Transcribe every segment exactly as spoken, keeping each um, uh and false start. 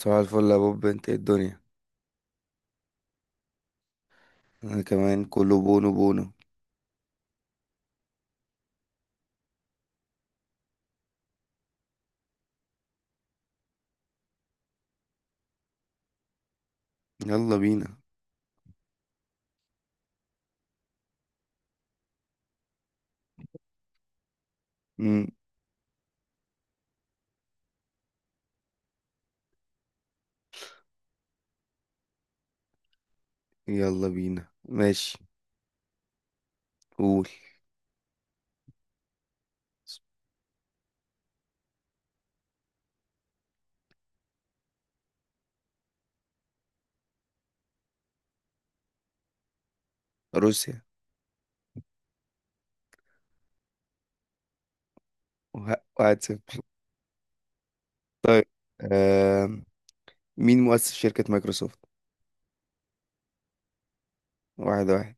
صباح الفل يا بوب، انت ايه الدنيا. انا كمان كله بونو بونو. يلا بينا. مم. يلا بينا ماشي، قول. روسيا. وه- واحد صفر. طيب. آم، مين مؤسس شركة مايكروسوفت. واحد واحد.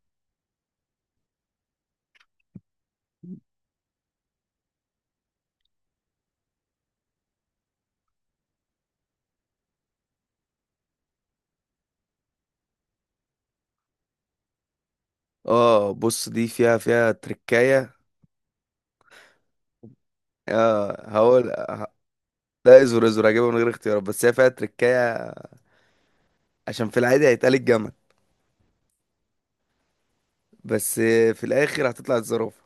اه بص، دي فيها فيها تركاية. اه هقول ه- لا، ازور ازور هجيبها من غير اختيارات، بس هي فيها تركاية عشان في العادي هيتقال الجمل، بس في الاخر هتطلع الزرافة.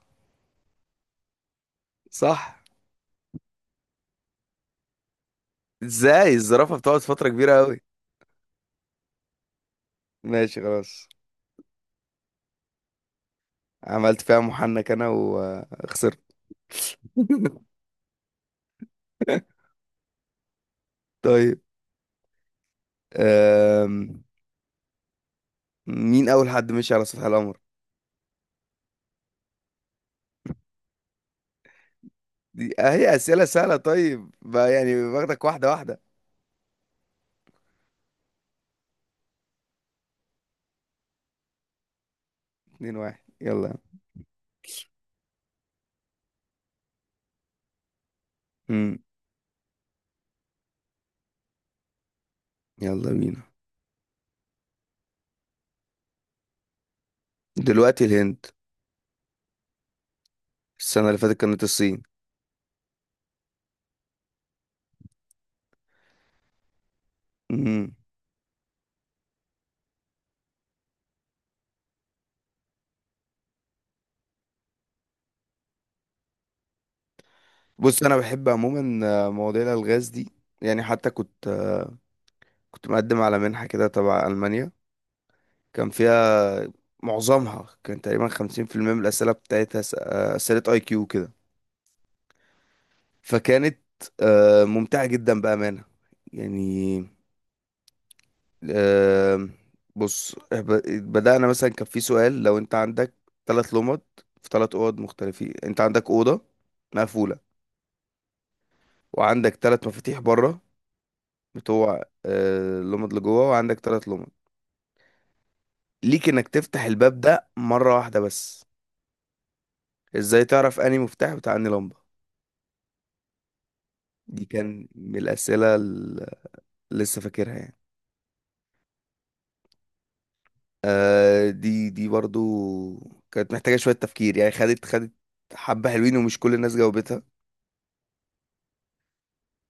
صح. ازاي الزرافة بتقعد فترة كبيرة أوي. ماشي خلاص. عملت فيها محنك أنا وخسرت. طيب. أم... مين أول حد مشي على سطح القمر؟ دي آه، هي أسئلة سهلة، طيب بقى يعني باخدك واحدة واحدة. اتنين واحد، يلا. مم. يلا بينا. دلوقتي الهند، السنة اللي فاتت كانت الصين. مم. بص، أنا بحب عموما آه، مواضيع الألغاز دي. يعني حتى كنت آه، كنت مقدم على منحة كده تبع ألمانيا، كان فيها معظمها كان تقريبا خمسين في المية من الأسئلة بتاعتها س- آه، أسئلة أي كيو كده، فكانت آه، ممتعة جدا بأمانة، يعني، آه، بص ب- بدأنا. مثلا كان في سؤال، لو أنت عندك ثلاث لمض في ثلاث أوض مختلفين، أنت عندك أوضة مقفولة، وعندك ثلاث مفاتيح بره بتوع آه، لمض لجوه، وعندك ثلاث لمض. ليك إنك تفتح الباب ده مرة واحدة بس، إزاي تعرف أنهي مفتاح بتاع أنهي لمبة. دي كان من الأسئلة اللي لسه فاكرها، يعني. آه دي دي برضو كانت محتاجة شوية تفكير، يعني خدت خدت حبة حلوين، ومش كل الناس جاوبتها.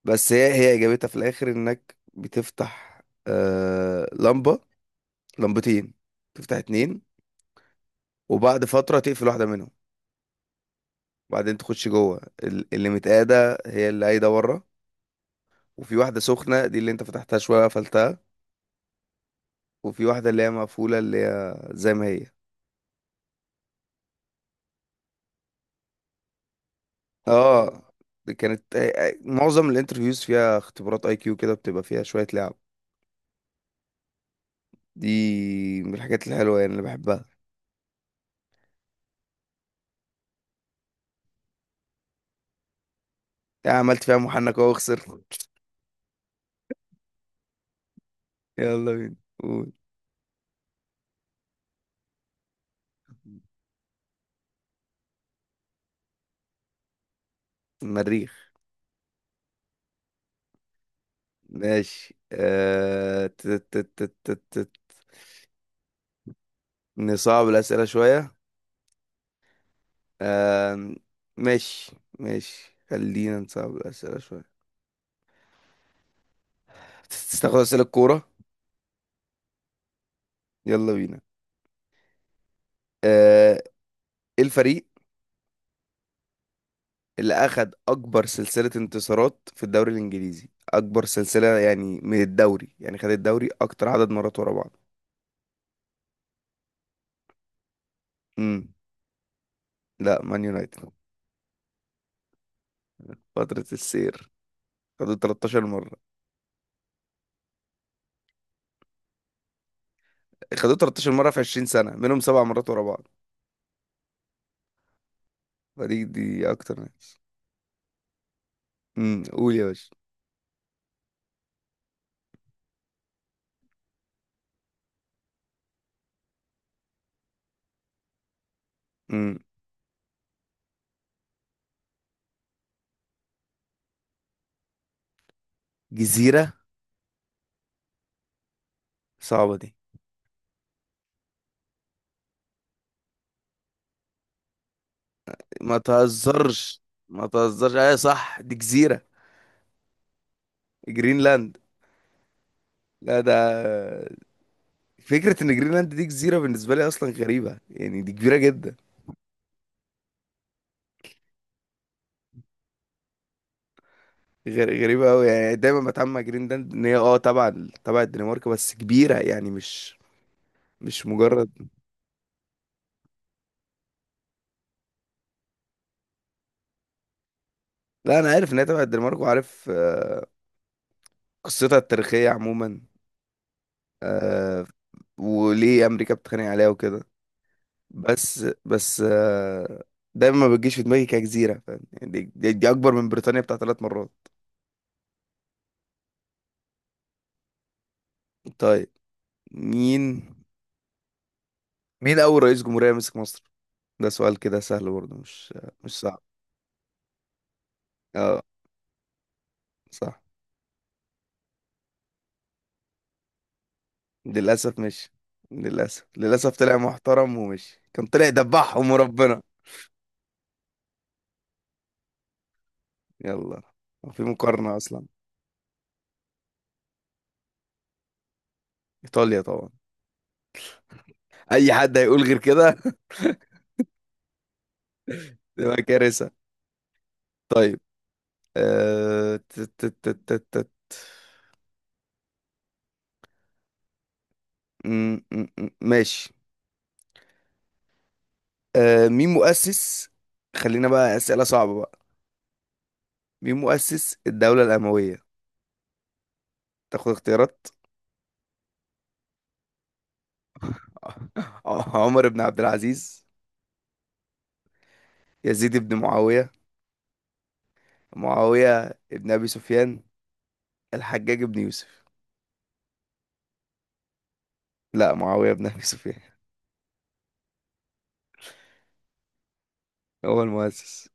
بس هي هي إجابتها في الآخر إنك بتفتح آه لمبة، لمبتين، تفتح اتنين، وبعد فترة تقفل واحدة منهم، وبعدين تخش جوه ال- اللي متقادة هي اللي قايدة ورا، وفي واحدة سخنة دي اللي انت فتحتها شوية قفلتها، وفي واحدة اللي هي مقفولة اللي هي زي ما هي. اه كانت، آه، آه، معظم الانترفيوز فيها اختبارات اي كيو كده، بتبقى فيها شوية لعب. دي من الحاجات الحلوة يعني اللي بحبها. يعني عملت فيها محنك اهو وخسرت. يلا بينا، قول. مريخ. ماشي. آه... ت- ت- ت- ت- ت- نصعب الأسئلة شوية. آه... ماشي، ماشي خلينا نصعب الأسئلة شوية. تستخدم أسئلة الكورة. يلا بينا. آه... ايه الفريق اللي أخد أكبر سلسلة انتصارات في الدوري الإنجليزي، أكبر سلسلة يعني من الدوري، يعني خد الدوري أكتر عدد مرات ورا بعض. امم. لا، مان يونايتد. فترة السير، خدوه 13 مرة. خدوه 13 مرة في 20 سنة، منهم سبع مرات ورا بعض. فدي دي أكتر يعني. امم، قول يا باشا. امم، جزيرة، صعبة دي. ما تهزرش. ما تهزرش، أيوة صح، دي جزيرة. جرينلاند. لا ده، فكرة إن جرينلاند دي جزيرة بالنسبة لي أصلا غريبة، يعني دي كبيرة جدا، غير غريبة أوي يعني. دايما بتعامل مع جرينلاند إن هي أه تبع ال- تبع الدنمارك، بس كبيرة يعني، مش، مش مجرد. لا، أنا عارف إن هي تبع الدنمارك، وعارف آه، قصتها التاريخية عموما، آه، وليه أمريكا بتتخانق عليها وكده. بس بس آه، دايما ما بتجيش في دماغي كجزيرة، فاهم يعني، دي, دي, دي أكبر من بريطانيا بتاع ثلاث مرات. طيب. مين، مين أول رئيس جمهورية مسك مصر؟ ده سؤال كده سهل برضه، مش، مش صعب. اه صح. للأسف مش، للأسف، للأسف طلع محترم، ومش كان طلع دبحهم وربنا. يلا، في مقارنة أصلا. إيطاليا طبعا. أي حد هيقول غير كده. تبقى كارثة. طيب. آه... ت- ت- ت- ت- ت- م- م- م- ماشي. آه... مين مؤسس، خلينا بقى أسئلة صعبة بقى. مين مؤسس الدولة الأموية؟ تاخد اختيارات. عمر بن عبد العزيز، يزيد بن معاوية، معاوية بن أبي سفيان، الحجاج بن يوسف. لا، معاوية بن أبي سفيان. هو المؤسس.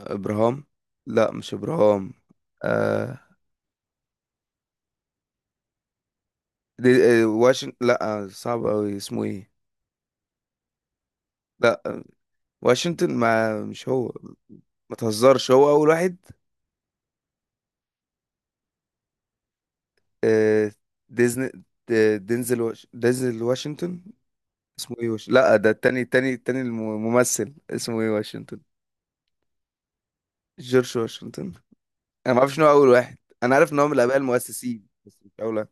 إبراهام. لا مش إبراهام. آه دي. آه واشنطن، لا، آه، صعب أوي اسمه إيه. لا، آه، واشنطن، ما مش هو. ما تهزرش، هو أول واحد. آه ديزني، د- دينزل واش... دينزل واشنطن. اسمه إيه واش... لا، ده التاني التاني التاني الممثل اسمه إيه واشنطن. جورج واشنطن. أنا ما أعرفش إن هو أول واحد، أنا عارف إن هو من الآباء المؤسسين بس مش أول واحد.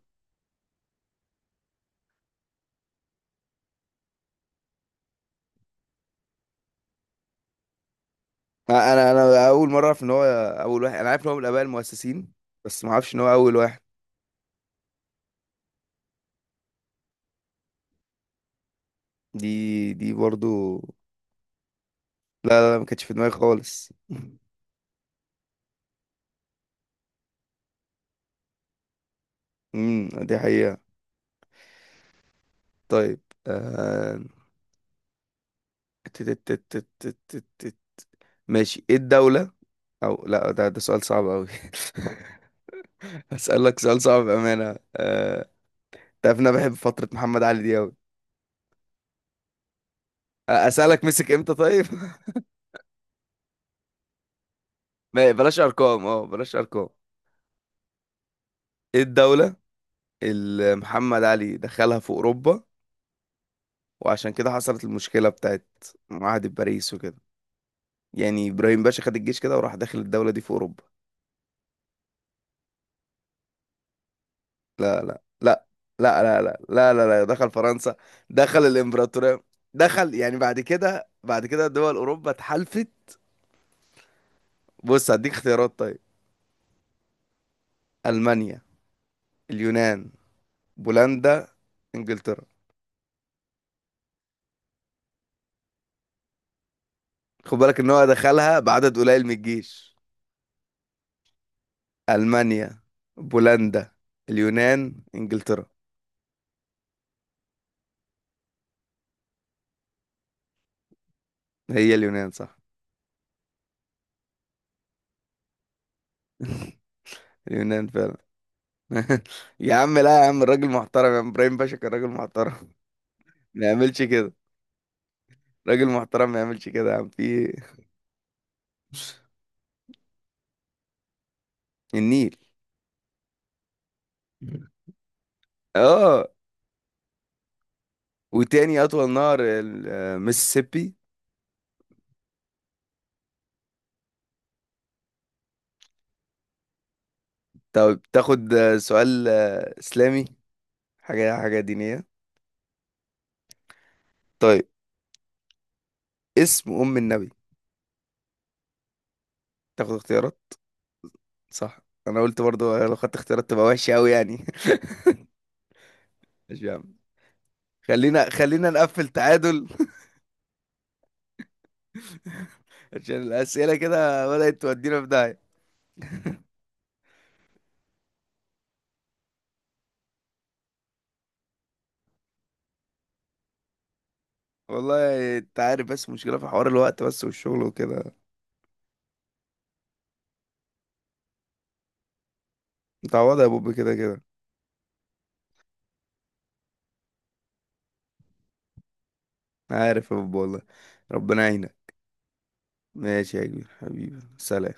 انا انا اول مره اعرف ان هو اول واحد، انا عارف ان هو من الاباء المؤسسين بس ما اعرفش ان هو اول واحد. دي دي برضو. لا، لا, لا ما كانتش في دماغي خالص. امم، دي حقيقه. طيب. آه... تت- تت- تت- تت- تت- تت. ماشي، ايه الدوله، او لا ده، ده سؤال صعب قوي. اسالك سؤال صعب بامانه. آه... تعرف إن انا بحب فتره محمد علي دي قوي. اسالك مسك امتى، طيب. ما- بلاش ارقام، اه بلاش ارقام. ايه الدوله اللي محمد علي دخلها في اوروبا، وعشان كده حصلت المشكلة بتاعت معاهدة باريس وكده، يعني إبراهيم باشا خد الجيش كده وراح داخل الدولة دي في أوروبا. لا، لا، لا، لا، لا، لا، لا، لا, لا. دخل فرنسا. دخل الإمبراطورية، دخل يعني، بعد كده، بعد كده دول أوروبا اتحالفت. بص هديك اختيارات، طيب. ألمانيا، اليونان، بولندا، إنجلترا. خد بالك إن هو دخلها بعدد قليل من الجيش. ألمانيا، بولندا، اليونان، إنجلترا. هي اليونان صح. اليونان. يا عم لا، يا عم الراجل محترم، يا عم ابراهيم باشا كان راجل محترم. ما يعملش كده. راجل محترم ما يعملش كده، يا عم في إيه؟ النيل. اه، وتاني اطول نهر المسيسيبي. طب تاخد آه، سؤال آه، اسلامي، حاجه حاجه دينيه. طيب اسم ام النبي، تاخد اختيارات. صح. انا قلت برضو لو خدت اختيارات تبقى وحشه قوي يعني. ماشي يا عم، خلينا خلينا نقفل تعادل. عشان الاسئله كده بدات تودينا في داهيه. والله انت عارف، بس مشكلة في حوار الوقت بس والشغل وكده. متعوضة يا بوب، كده كده. عارف يا بوب، والله ربنا يعينك. ماشي يا كبير، حبيبي سلام.